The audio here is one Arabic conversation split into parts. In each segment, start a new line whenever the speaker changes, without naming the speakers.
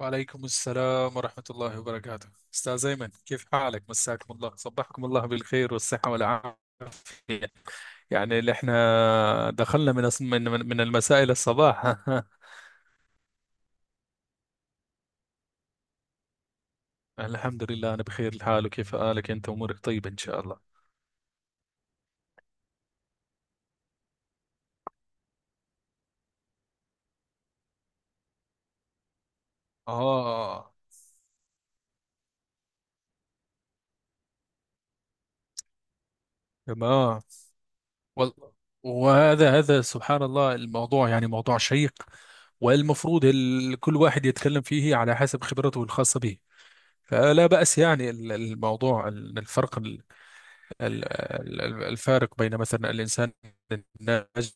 وعليكم السلام ورحمة الله وبركاته، أستاذ أيمن، كيف حالك؟ مساكم الله، صبحكم الله بالخير والصحة والعافية. يعني اللي احنا دخلنا من أص- من من من المساء إلى الصباح. الحمد لله أنا بخير الحال، وكيف حالك أنت؟ أمورك طيبة إن شاء الله. آه، تمام. وال- وهذا سبحان الله، الموضوع يعني موضوع شيق، والمفروض كل واحد يتكلم فيه على حسب خبرته الخاصة به. فلا بأس، يعني ال- الموضوع ال- الفرق ال- ال- ال- الفارق بين مثلا الإنسان الناجح،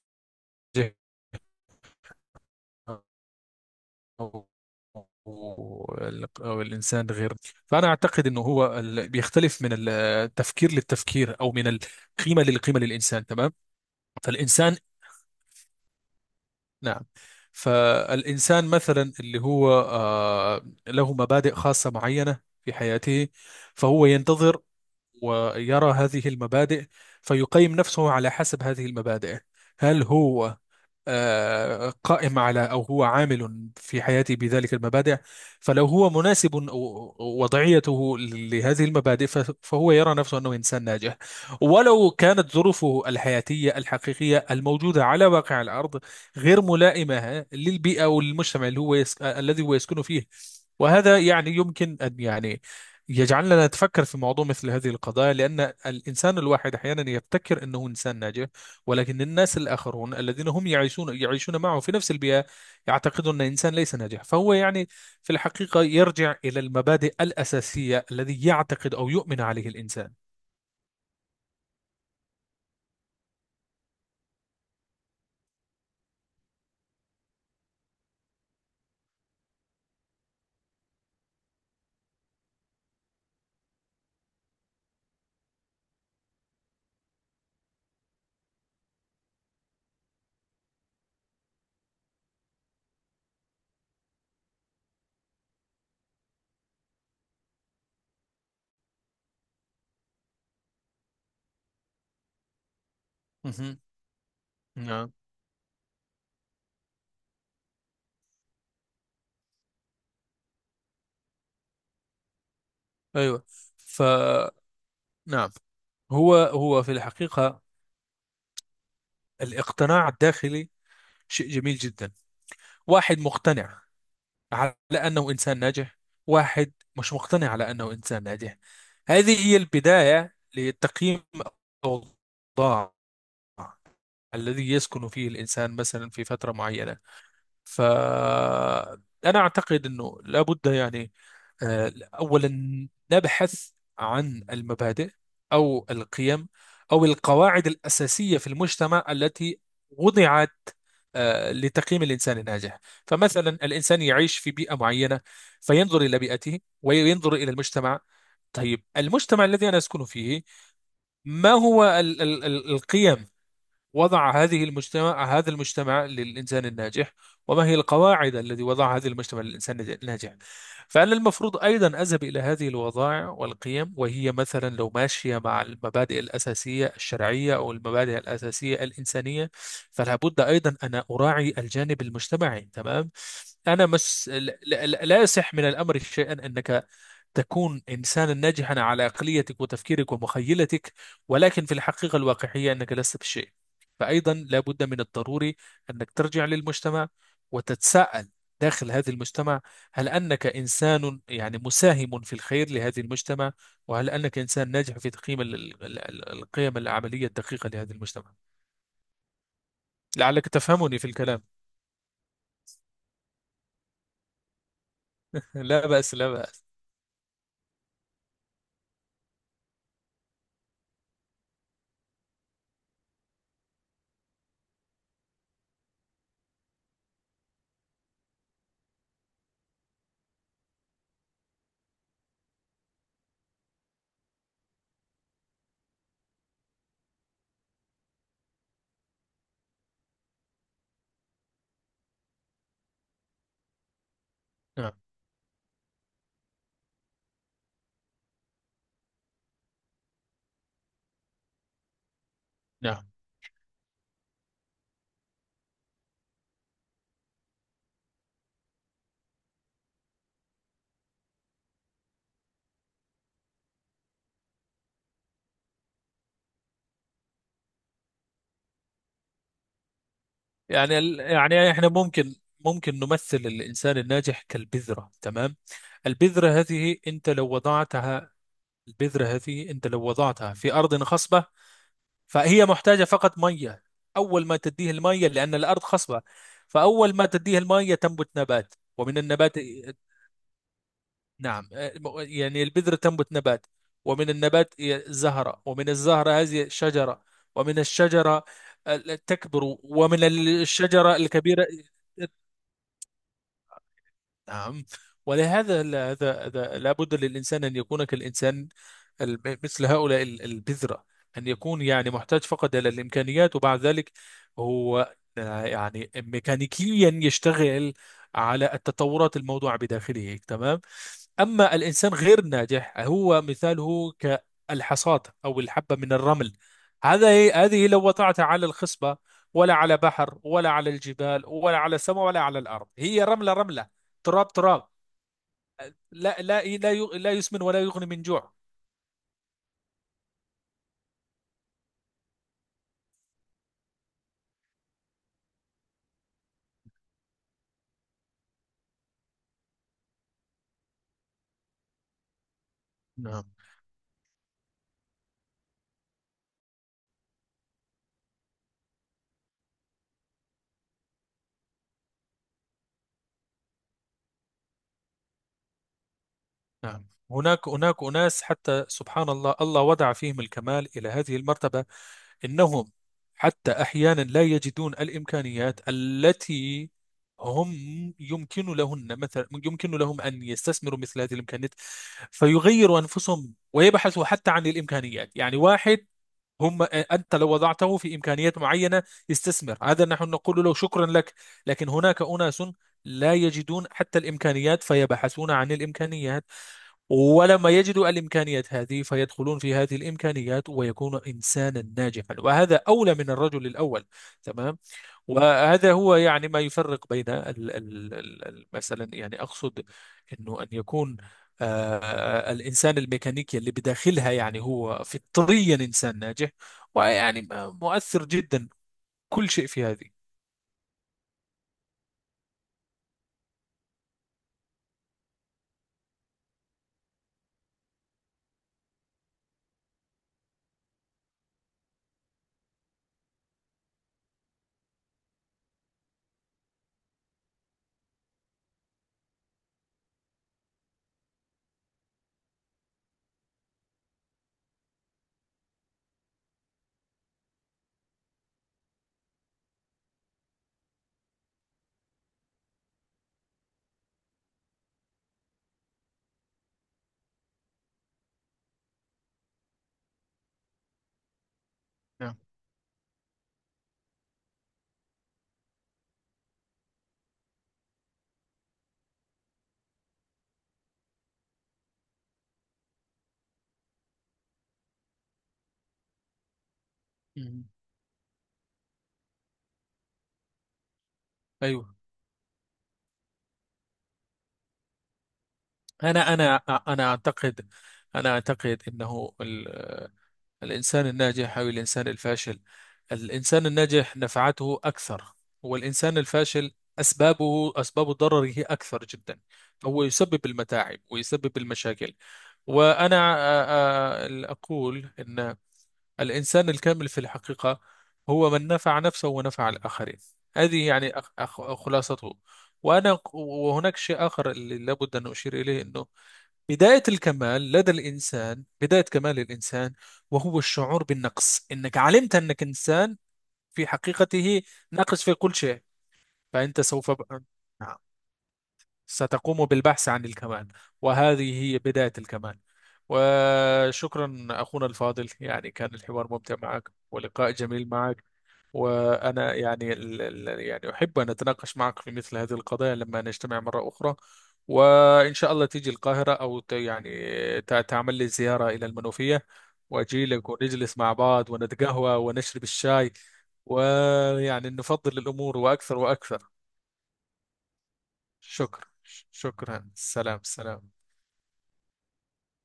أو أو الإنسان غير. فأنا أعتقد أنه هو بيختلف من التفكير للتفكير، أو من القيمة للقيمة للإنسان، تمام. فالإنسان، نعم، فالإنسان مثلا اللي هو له مبادئ خاصة معينة في حياته، فهو ينتظر ويرى هذه المبادئ، فيقيم نفسه على حسب هذه المبادئ. هل هو قائم على، أو هو عامل في حياتي بذلك المبادئ؟ فلو هو مناسب وضعيته لهذه المبادئ، فهو يرى نفسه أنه إنسان ناجح. ولو كانت ظروفه الحياتية الحقيقية الموجودة على واقع الأرض غير ملائمة للبيئة والمجتمع اللي هو الذي هو يسكن فيه. وهذا يعني يمكن أن يعني يجعلنا نتفكر في موضوع مثل هذه القضايا، لأن الإنسان الواحد أحيانا يبتكر أنه إنسان ناجح، ولكن الناس الآخرون الذين هم يعيشون معه في نفس البيئة يعتقدون أن الإنسان ليس ناجح، فهو يعني في الحقيقة يرجع إلى المبادئ الأساسية الذي يعتقد أو يؤمن عليه الإنسان. مهم. نعم. أيوة. ف نعم. هو في الحقيقة، الاقتناع الداخلي شيء جميل جدا. واحد مقتنع على أنه إنسان ناجح، واحد مش مقتنع على أنه إنسان ناجح، هذه هي البداية لتقييم الأوضاع الذي يسكن فيه الإنسان مثلا في فترة معينة. فأنا أعتقد أنه لابد، يعني أولا نبحث عن المبادئ أو القيم أو القواعد الأساسية في المجتمع التي وضعت لتقييم الإنسان الناجح. فمثلا الإنسان يعيش في بيئة معينة، فينظر إلى بيئته وينظر إلى المجتمع. طيب، المجتمع الذي أنا أسكن فيه، ما هو ال القيم وضع هذه المجتمع، هذا المجتمع للإنسان الناجح؟ وما هي القواعد التي وضعها هذا المجتمع للإنسان الناجح؟ فأنا المفروض أيضا أذهب إلى هذه الوضائع والقيم، وهي مثلا لو ماشية مع المبادئ الأساسية الشرعية أو المبادئ الأساسية الإنسانية، فلا بد أيضا أن أراعي الجانب المجتمعي، تمام. أنا مس... لا لا- لا يصح من الأمر شيئا أنك تكون إنسانا ناجحا على عقليتك وتفكيرك ومخيلتك، ولكن في الحقيقة الواقعية أنك لست بشيء. فأيضا لابد من الضروري أنك ترجع للمجتمع وتتساءل داخل هذا المجتمع، هل أنك إنسان يعني مساهم في الخير لهذا المجتمع؟ وهل أنك إنسان ناجح في تقييم القيم العملية الدقيقة لهذا المجتمع؟ لعلك تفهمني في الكلام. لا بأس، لا بأس. نعم، نعم. يعني يعني إحنا ممكن نمثل الإنسان الناجح كالبذرة، تمام. البذرة هذه أنت لو وضعتها البذرة هذه أنت لو وضعتها في أرض خصبة، فهي محتاجة فقط مية، أول ما تديه المية لأن الأرض خصبة، فأول ما تديه المية تنبت نبات، ومن النبات، نعم، يعني البذرة تنبت نبات، ومن النبات زهرة، ومن الزهرة هذه شجرة، ومن الشجرة تكبر، ومن الشجرة الكبيرة، نعم. ولهذا هذا لابد للإنسان أن يكون كالإنسان، مثل هؤلاء البذرة، أن يكون يعني محتاج فقط إلى الإمكانيات، وبعد ذلك هو يعني ميكانيكيا يشتغل على التطورات الموضوعة بداخله، تمام. أما الإنسان غير الناجح هو مثاله كالحصاد أو الحبة من الرمل. هذه لو وضعتها على الخصبة، ولا على بحر، ولا على الجبال، ولا على السماء، ولا على الأرض، هي رملة رملة، تراب تراب. لا لا لا لا يسمن ولا يغني من جوع. نعم. نعم. هناك أناس، حتى سبحان الله، الله وضع فيهم الكمال إلى هذه المرتبة، إنهم حتى أحيانا لا يجدون الإمكانيات التي هم يمكن لهن، مثلا يمكن لهم أن يستثمروا مثل هذه الإمكانيات، فيغيروا أنفسهم ويبحثوا حتى عن الإمكانيات. يعني واحد هم أنت لو وضعته في إمكانيات معينة يستثمر هذا، نحن نقول له شكرا لك. لكن هناك أناس لا يجدون حتى الإمكانيات فيبحثون عن الإمكانيات، ولما يجدوا الإمكانيات هذه فيدخلون في هذه الإمكانيات ويكون إنسانا ناجحا، وهذا أولى من الرجل الأول، تمام. وهذا هو يعني ما يفرق بين مثلا، يعني أقصد أنه أن يكون الإنسان الميكانيكي اللي بداخلها، يعني هو فطريا إنسان ناجح، ويعني مؤثر جدا كل شيء في هذه. نعم. مم. أيوه. أنا أنا أنا أعتقد أنا أعتقد أنه الإنسان الناجح أو الإنسان الفاشل، الإنسان الناجح نفعته أكثر، والإنسان الفاشل أسبابه أسباب ضرره أكثر جدا، فهو يسبب المتاعب ويسبب المشاكل. وأنا أقول أن الإنسان الكامل في الحقيقة هو من نفع نفسه ونفع الآخرين. هذه يعني خلاصته. وأنا، وهناك شيء آخر اللي لابد أن أشير إليه، أنه بداية الكمال لدى الإنسان، بداية كمال الإنسان، وهو الشعور بالنقص، إنك علمت أنك إنسان في حقيقته ناقص في كل شيء، فأنت سوف نعم، ستقوم بالبحث عن الكمال، وهذه هي بداية الكمال. وشكرا أخونا الفاضل، يعني كان الحوار ممتع معك ولقاء جميل معك. وأنا يعني يعني أحب أن أتناقش معك في مثل هذه القضايا لما نجتمع مرة أخرى، وإن شاء الله تيجي القاهرة، أو تعمل لي زيارة إلى المنوفية، وأجي لك ونجلس مع بعض ونتقهوى ونشرب الشاي، ويعني نفضل الأمور وأكثر وأكثر. شكرا. شكرا. سلام، سلام.